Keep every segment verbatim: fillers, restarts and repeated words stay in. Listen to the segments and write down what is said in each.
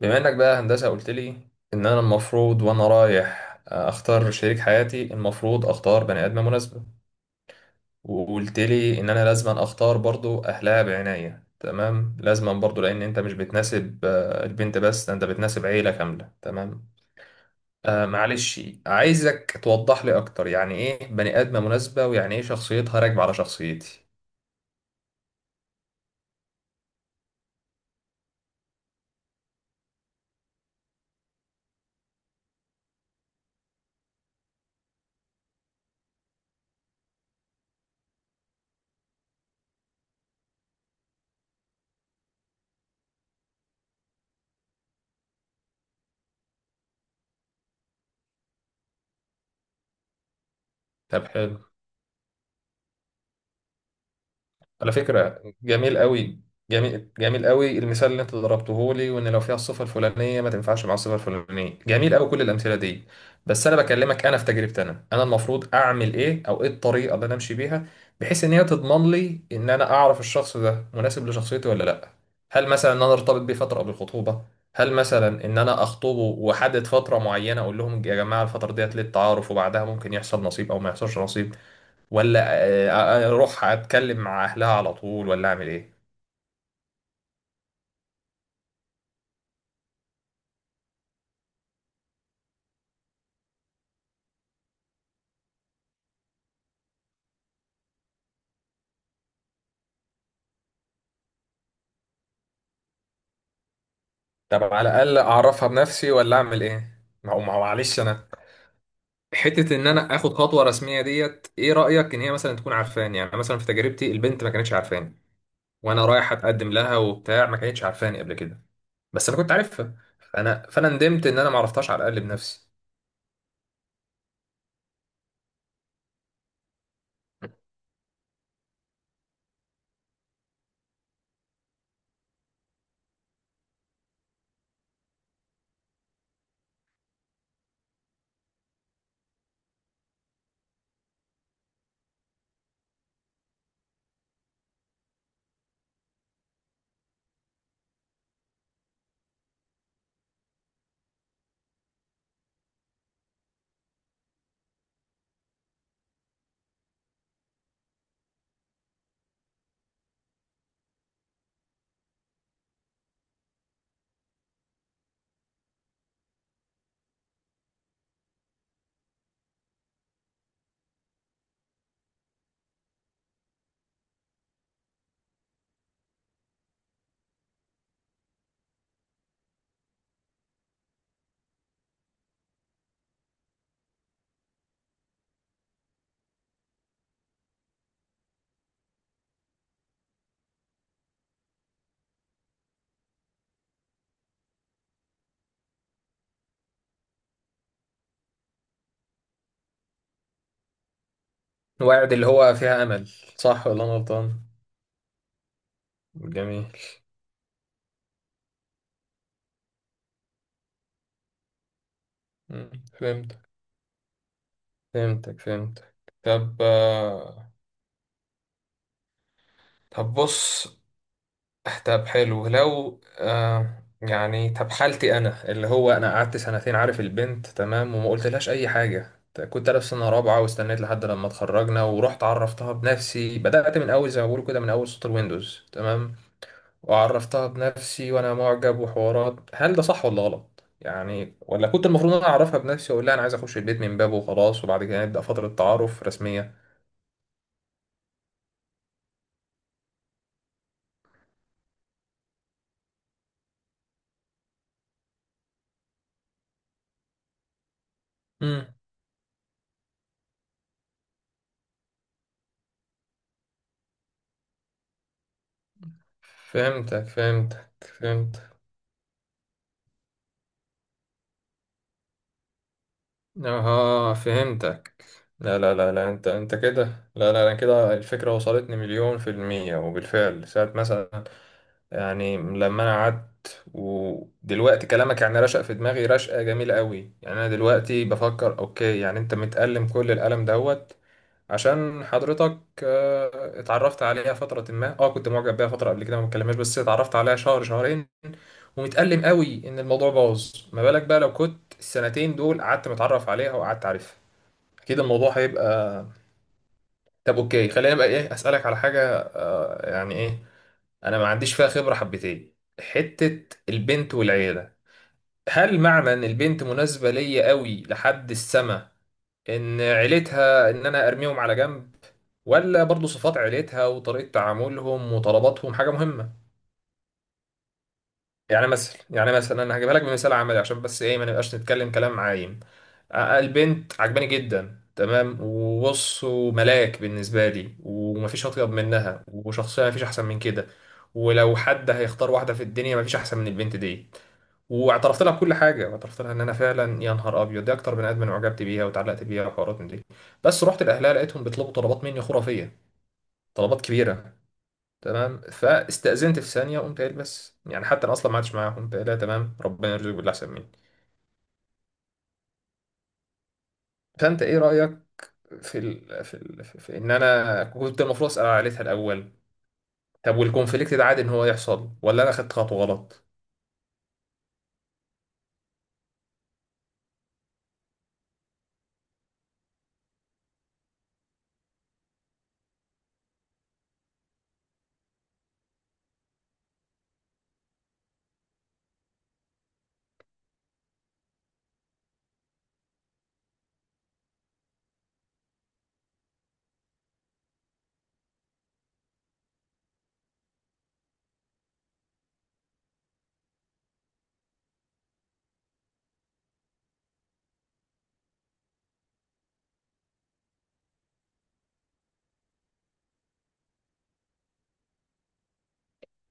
بما انك بقى هندسة قلت لي ان انا المفروض وانا رايح اختار شريك حياتي المفروض اختار بني ادمة مناسبة. وقلت لي ان انا لازم اختار برضو اهلها بعناية. تمام، لازم برضو لان انت مش بتناسب آه، البنت بس، ده انت بتناسب عيلة كاملة. تمام، آه معلش. عايزك توضح لي اكتر، يعني ايه بني ادمة مناسبة، ويعني ايه شخصيتها راكبة على شخصيتي؟ طب حلو. على فكرة جميل قوي. جميل جميل قوي المثال اللي انت ضربته لي، وان لو فيها الصفة الفلانية ما تنفعش مع الصفة الفلانية. جميل قوي كل الامثلة دي. بس انا بكلمك انا في تجربتي، انا انا المفروض اعمل ايه، او ايه الطريقة اللي انا امشي بيها بحيث ان هي تضمن لي ان انا اعرف الشخص ده مناسب لشخصيتي ولا لا؟ هل مثلا ان انا ارتبط بيه فترة قبل الخطوبة؟ هل مثلا ان انا اخطبه واحدد فترة معينة اقول لهم يا جماعة الفترة ديت للتعارف، وبعدها ممكن يحصل نصيب او ما يحصلش نصيب؟ ولا آه، آه، اروح اتكلم مع اهلها على طول ولا اعمل ايه؟ طب على الاقل اعرفها بنفسي ولا اعمل ايه؟ ما هو ما هو معلش انا حته ان انا اخد خطوه رسميه ديت، ايه رايك ان هي مثلا تكون عارفاني؟ يعني مثلا في تجربتي البنت ما كانتش عارفاني، وانا رايح اتقدم لها وبتاع، ما كانتش عارفاني قبل كده. بس انا كنت عارفها. فانا فانا ندمت ان انا ما عرفتهاش على الاقل بنفسي. واعد اللي هو فيها امل، صح ولا انا غلطان؟ جميل. مم، فهمتك. فهمتك فهمتك. طب آه، طب بص. طب حلو، لو آه يعني طب حالتي انا اللي هو انا قعدت سنتين عارف البنت تمام وما قلتلهاش اي حاجه. كنت انا في سنه رابعه واستنيت لحد لما اتخرجنا ورحت عرفتها بنفسي، بدات من اول زي ما بقولوا كده من اول سطر ويندوز. تمام، وعرفتها بنفسي وانا معجب وحوارات. هل ده صح ولا غلط يعني، ولا كنت المفروض انا اعرفها بنفسي واقول لها انا عايز اخش البيت من بابه وخلاص، وبعد كده نبدا فتره تعارف رسميه؟ امم، فهمتك فهمتك فهمت. اها فهمتك. لا لا لا لا، انت انت كده. لا لا، انا كده الفكره وصلتني مليون في الميه، وبالفعل ساعه مثلا. يعني لما انا قعدت ودلوقتي كلامك يعني رشق في دماغي رشقه جميله قوي، يعني انا دلوقتي بفكر اوكي. يعني انت متألم كل الألم دوت عشان حضرتك آه، اتعرفت عليها فترة. ما اه كنت معجب بيها فترة قبل كده ما اتكلمناش، بس اتعرفت عليها شهر شهرين ومتألم قوي ان الموضوع باظ. ما بالك بقى لو كنت السنتين دول قعدت متعرف عليها وقعدت عارفها. اكيد الموضوع هيبقى. طب اوكي، خلينا بقى ايه، اسألك على حاجة. آه، يعني ايه، انا ما عنديش فيها خبرة حبتين، حتة البنت والعيلة. هل معنى ان البنت مناسبة ليا قوي لحد السما، ان عيلتها ان انا ارميهم على جنب، ولا برضو صفات عيلتها وطريقة تعاملهم وطلباتهم حاجة مهمة؟ يعني مثلا يعني مثلا انا هجيبها لك بمثال عملي عشان بس ايه ما نبقاش نتكلم كلام عايم. آه، البنت عجباني جدا، تمام، وبص وملاك بالنسبة لي، ومفيش أطيب منها، وشخصية مفيش أحسن من كده، ولو حد هيختار واحدة في الدنيا مفيش أحسن من البنت دي. واعترفت لها بكل حاجه، واعترفت لها ان انا فعلا يا نهار ابيض دي اكتر بني ادم انا اعجبت بيها واتعلقت بيها وحوارات من دي. بس رحت لاهلها لقيتهم بيطلبوا طلبات مني خرافيه، طلبات كبيره. تمام، فاستاذنت في ثانيه، قمت قايل بس يعني حتى انا اصلا ما عادش معاهم، قمت قايلها تمام ربنا يرزقك باللي احسن مني. فانت ايه رايك في ال... في، ال... في في ان انا كنت المفروض اسال عائلتها الاول؟ طب والكونفليكت ده عادي ان هو يحصل، ولا انا خدت خطوه غلط؟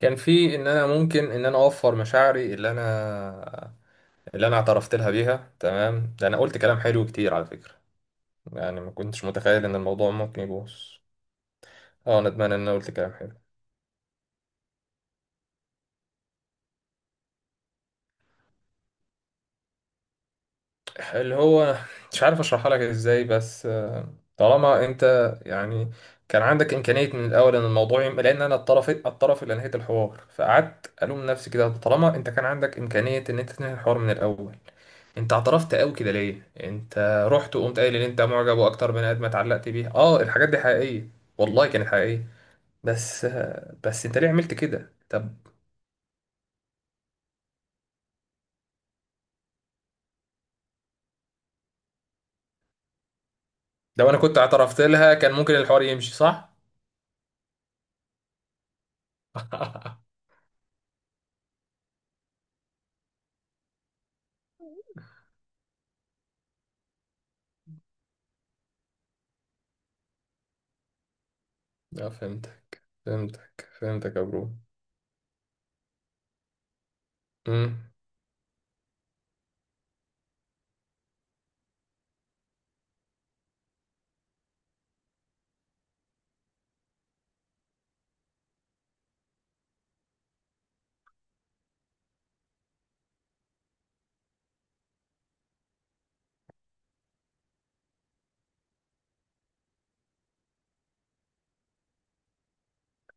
كان في ان انا ممكن ان انا اوفر مشاعري اللي انا اللي انا اعترفت لها بيها. تمام، ده انا قلت كلام حلو كتير على فكرة. يعني ما كنتش متخيل ان الموضوع ممكن يبوظ. اه ندمان ان انا قلت كلام حلو. اللي هو مش عارف اشرحها لك ازاي، بس طالما انت يعني كان عندك امكانية من الاول ان الموضوع يم... لان انا الطرف، الطرف اللي انهيت الحوار، فقعدت الوم نفسي كده. طالما انت كان عندك امكانية ان انت تنهي الحوار من الاول، انت اعترفت قوي كده ليه؟ انت رحت وقمت قايل ان انت معجب واكتر بني ادم اتعلقت بيه. اه الحاجات دي حقيقية، والله كانت حقيقية. بس، بس انت ليه عملت كده طب؟ لو انا كنت اعترفت لها كان ممكن الحوار يمشي صح؟ اه فهمتك فهمتك فهمتك يا برو. امم.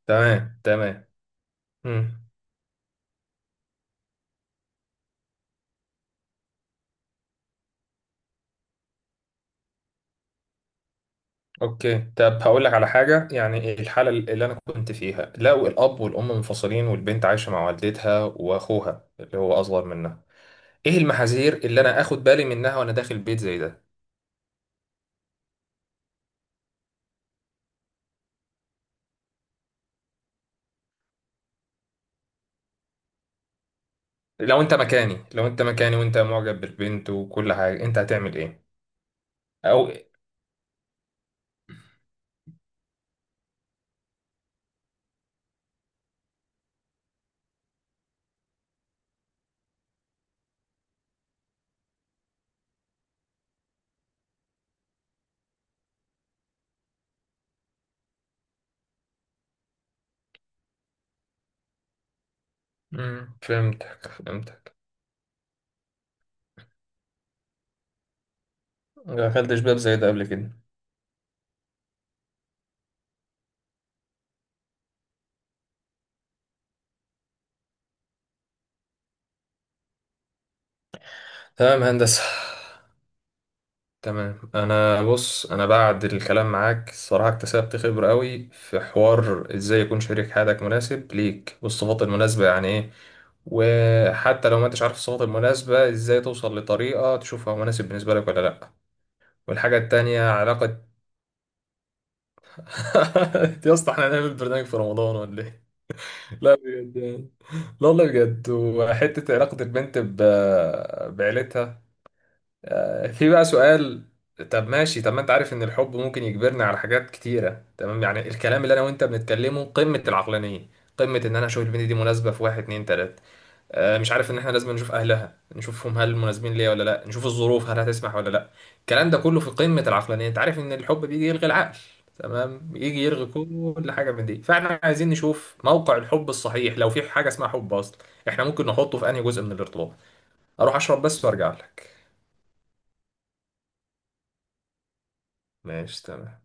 تمام تمام. امم. اوكي، طب هقول لك على حاجه. يعني الحاله اللي انا كنت فيها، لو الاب والام منفصلين والبنت عايشه مع والدتها واخوها اللي هو اصغر منها، ايه المحاذير اللي انا اخد بالي منها وانا داخل بيت زي ده؟ لو انت مكاني، لو انت مكاني وانت معجب بالبنت وكل حاجه، انت هتعمل ايه؟ او مم. فهمتك فهمتك. ما دخلتش باب زي ده قبل كده. تمام هندسة. تمام، انا بص انا بعد الكلام معاك الصراحة اكتسبت خبرة قوي في حوار ازاي يكون شريك حياتك مناسب ليك، والصفات المناسبة يعني ايه، وحتى لو ما انتش عارف الصفات المناسبة ازاي توصل لطريقة تشوفها مناسب بالنسبة لك ولا لا. والحاجة التانية علاقة يا اسطى، احنا هنعمل برنامج في رمضان ولا ايه؟ لا بجد يعني، لا والله بجد. وحتة علاقة البنت ب... بعيلتها. آه، في بقى سؤال. طب ماشي، طب ما انت عارف ان الحب ممكن يجبرنا على حاجات كتيرة. تمام، يعني الكلام اللي انا وانت بنتكلمه قمة العقلانية، قمة ان انا اشوف البنت دي مناسبة في واحد اتنين تلاتة، آه، مش عارف ان احنا لازم نشوف اهلها نشوفهم هل مناسبين ليا ولا لا، نشوف الظروف هل هتسمح ولا لا. الكلام ده كله في قمة العقلانية. انت عارف ان الحب بيجي يلغي العقل، تمام يجي يلغي كل حاجة من دي. فاحنا عايزين نشوف موقع الحب الصحيح، لو في حاجة اسمها حب اصلا، احنا ممكن نحطه في انهي جزء من الارتباط. اروح اشرب بس وارجع لك. ماشي تمام